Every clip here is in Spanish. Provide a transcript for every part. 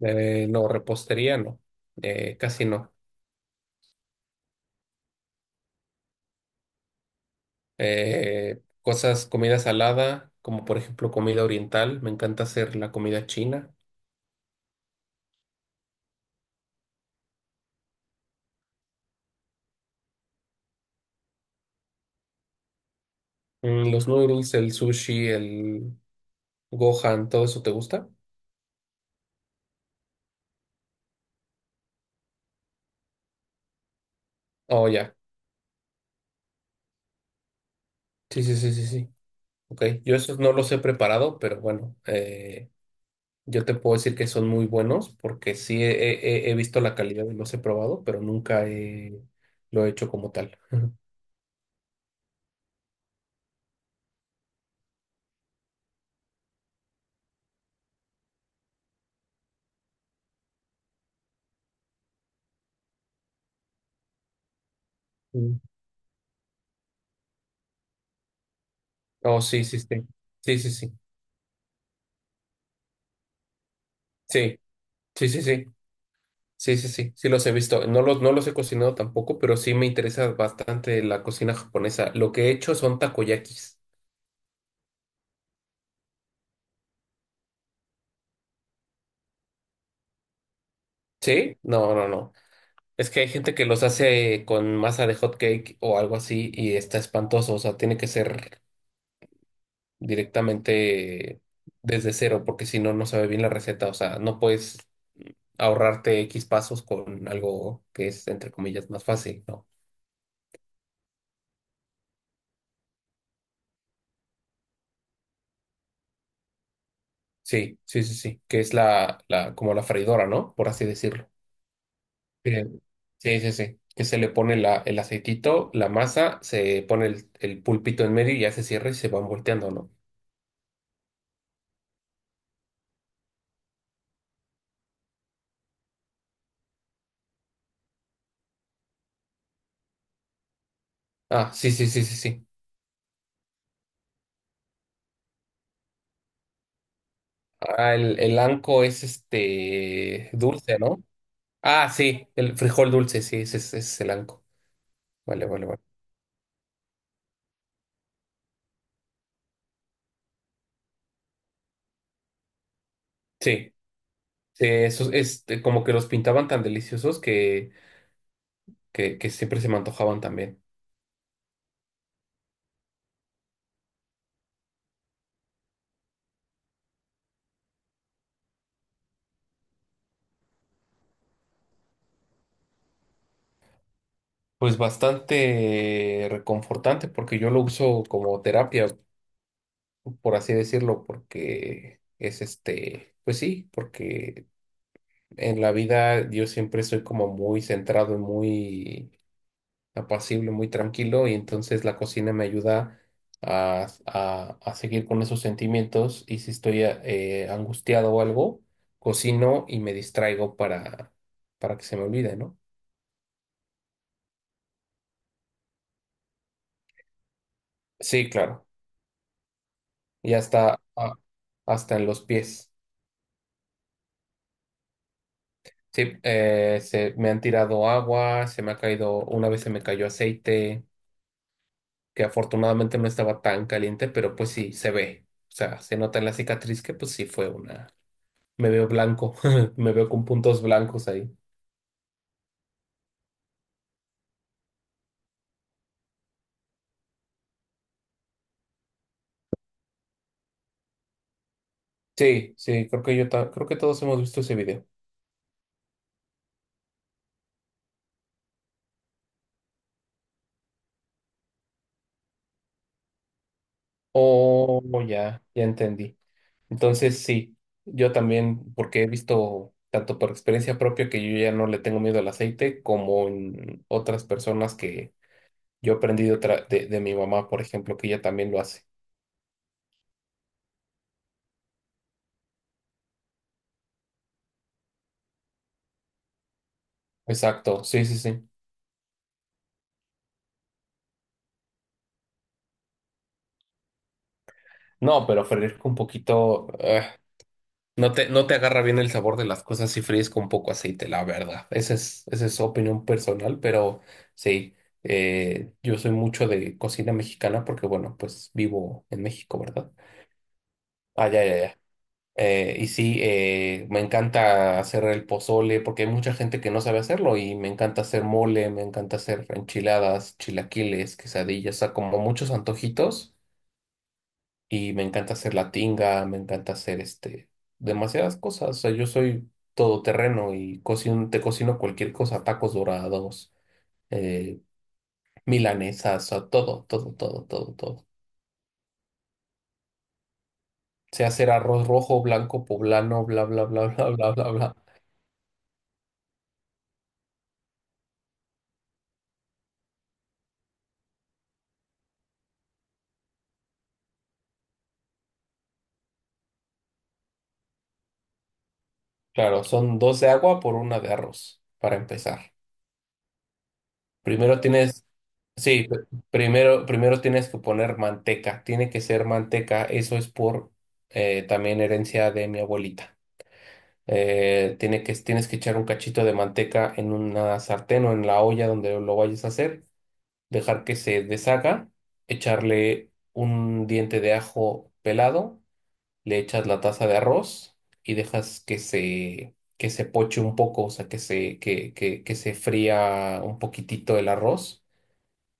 No, repostería no. Casi no. Cosas, comida salada, como por ejemplo comida oriental, me encanta hacer la comida china. Mm, los noodles, el sushi, el gohan, ¿todo eso te gusta? Oh, ya. Sí, sí, sí, sí, sí. Ok, yo esos no los he preparado, pero bueno, yo te puedo decir que son muy buenos porque he visto la calidad y los he probado, pero nunca he- lo he hecho como tal. Mm. Oh, sí, sí, sí. Sí, sí, sí. Sí. Sí, sí, sí, sí, sí, sí, sí los he visto. No los he cocinado tampoco, pero sí me interesa bastante la cocina japonesa. Lo que he hecho son takoyakis. ¿Sí? No, no, no. Es que hay gente que los hace con masa de hot cake o algo así y está espantoso. O sea, tiene que ser directamente desde cero, porque si no, no sabe bien la receta. O sea, no puedes ahorrarte X pasos con algo que es, entre comillas, más fácil, ¿no? Sí, sí, sí, sí, que es como la freidora, ¿no? Por así decirlo. Sí. Sí, sí, sí. Que se le pone el aceitito, la masa, se pone el pulpito en medio y ya se cierra y se van volteando, ¿no? Ah, sí, sí, sí, sí, sí. Ah, el anco es este dulce, ¿no? Ah, sí, el frijol dulce, sí, ese es el anco. Vale, vale, vale. Sí, sí, esos, este, como que los pintaban tan deliciosos que siempre se me antojaban también. Pues bastante reconfortante porque yo lo uso como terapia, por así decirlo, porque es este, pues sí, porque en la vida yo siempre soy como muy centrado y muy apacible, muy tranquilo, y entonces la cocina me ayuda a seguir con esos sentimientos, y si estoy angustiado o algo, cocino y me distraigo para que se me olvide, ¿no? Sí, claro, y hasta, hasta en los pies. Sí, me han tirado agua, se me ha caído, una vez se me cayó aceite, que afortunadamente no estaba tan caliente, pero pues sí, se ve. O sea, se nota en la cicatriz que pues sí fue una... Me veo blanco, me veo con puntos blancos ahí. Sí, sí, creo que creo que todos hemos visto ese video. Oh, ya, ya entendí. Entonces sí, yo también, porque he visto tanto por experiencia propia que yo ya no le tengo miedo al aceite, como en otras personas que yo aprendí de, de mi mamá, por ejemplo, que ella también lo hace. Exacto, sí, sí, sí. No, pero fresco un poquito, no te agarra bien el sabor de las cosas si fríes con poco aceite, la verdad. Esa es opinión personal, pero sí, yo soy mucho de cocina mexicana porque, bueno, pues vivo en México, ¿verdad? Ah, ya, ya, ya. Y sí, me encanta hacer el pozole porque hay mucha gente que no sabe hacerlo y me encanta hacer mole, me encanta hacer enchiladas, chilaquiles, quesadillas, o sea, como muchos antojitos y me encanta hacer la tinga, me encanta hacer este, demasiadas cosas, o sea, yo soy todoterreno y cocino, te cocino cualquier cosa, tacos dorados, eh, milanesas, o sea, todo, todo, todo, todo, todo. Sé hacer arroz rojo, blanco, poblano, bla, bla, bla, bla, bla, bla, bla. Claro, son dos de agua por una de arroz, para empezar. Primero tienes, sí, pr- primero, Primero tienes que poner manteca, tiene que ser manteca, eso es por también herencia de mi abuelita. Tienes que echar un cachito de manteca en una sartén o en la olla donde lo vayas a hacer, dejar que se deshaga, echarle un diente de ajo pelado, le echas la taza de arroz y dejas que se poche un poco, o sea, que se fría un poquitito el arroz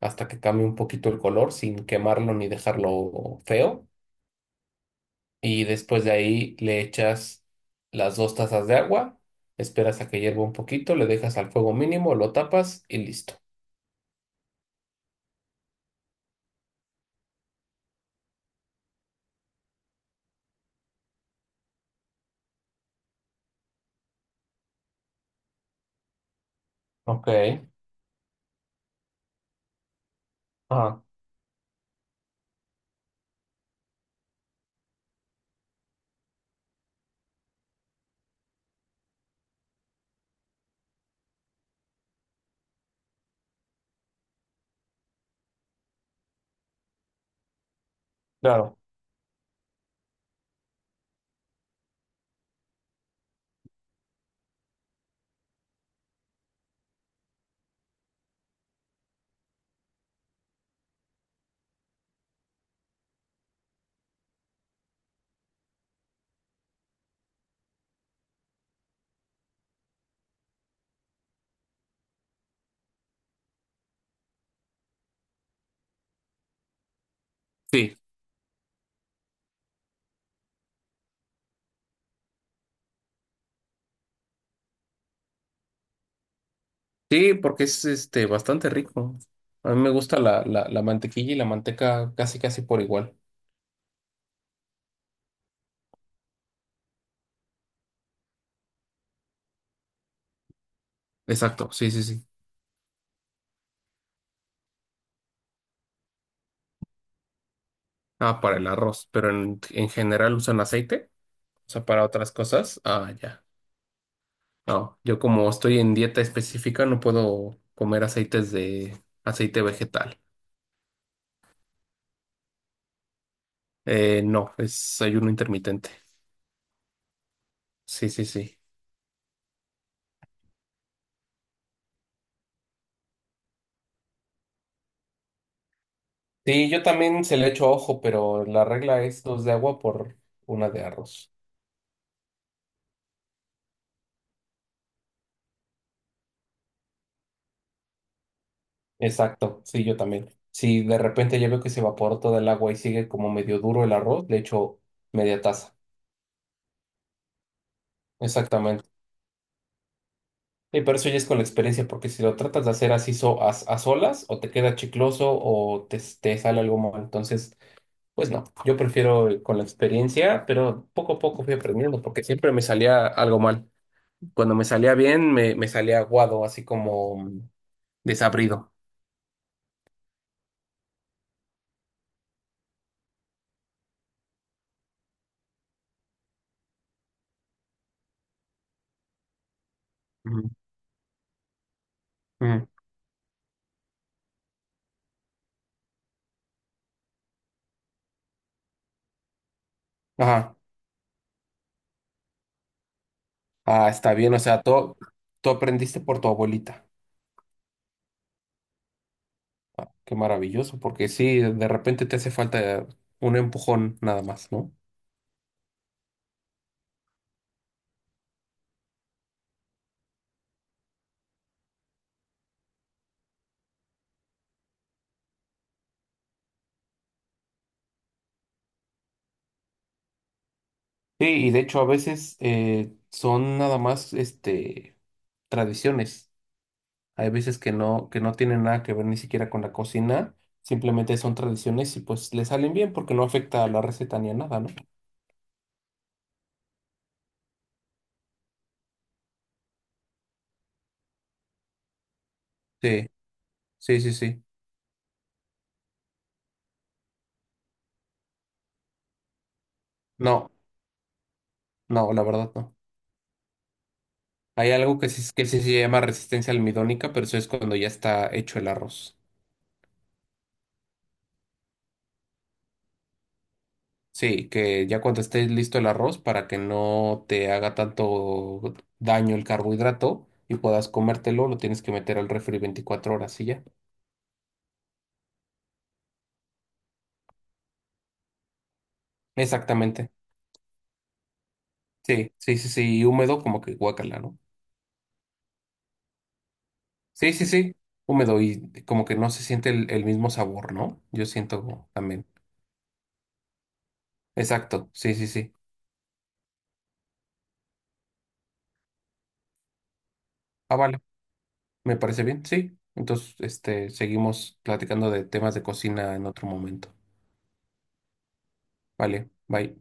hasta que cambie un poquito el color sin quemarlo ni dejarlo feo. Y después de ahí le echas las dos tazas de agua, esperas a que hierva un poquito, le dejas al fuego mínimo, lo tapas y listo. Ok, ah, claro. Sí, sí, porque es este bastante rico. A mí me gusta la mantequilla y la manteca casi casi por igual. Exacto, sí, sí, sí. Ah, para el arroz, pero en general usan aceite, o sea, para otras cosas. Ah, ya. No, yo como estoy en dieta específica no puedo comer aceite vegetal. No, es ayuno intermitente. Sí, sí, sí. Sí, yo también se le echo ojo, pero la regla es dos de agua por una de arroz. Exacto, sí, yo también. Si de repente ya veo que se evaporó toda el agua y sigue como medio duro el arroz, le echo media taza. Exactamente. Y pero eso ya es con la experiencia, porque si lo tratas de hacer así a solas, o te queda chicloso o te sale algo mal. Entonces, pues no, yo prefiero con la experiencia, pero poco a poco fui aprendiendo, porque siempre me salía algo mal. Cuando me salía bien, me salía aguado, así como mm, desabrido. Ujú, ujú. Ajá, ah, está bien, o sea, tú aprendiste por tu abuelita. Qué maravilloso, porque sí, de repente te hace falta un empujón nada más, ¿no? Sí, y de hecho a veces son nada más este tradiciones. Hay veces que no tienen nada que ver ni siquiera con la cocina, simplemente son tradiciones y pues le salen bien porque no afecta a la receta ni a nada, ¿no? Sí, sí, sí, sí. No, no, la verdad no. Hay algo que sí se llama resistencia almidónica, pero eso es cuando ya está hecho el arroz. Sí, que ya cuando esté listo el arroz para que no te haga tanto daño el carbohidrato y puedas comértelo, lo tienes que meter al refri 24 horas y ya. Exactamente. Sí, sí, sí, sí, y húmedo como que guácala, ¿no? Sí, sí, sí, húmedo y como que no se siente el mismo sabor, ¿no? Yo siento como también. Exacto, sí, sí, sí. Ah, vale, me parece bien, sí. Entonces, este, seguimos platicando de temas de cocina en otro momento. Vale, bye.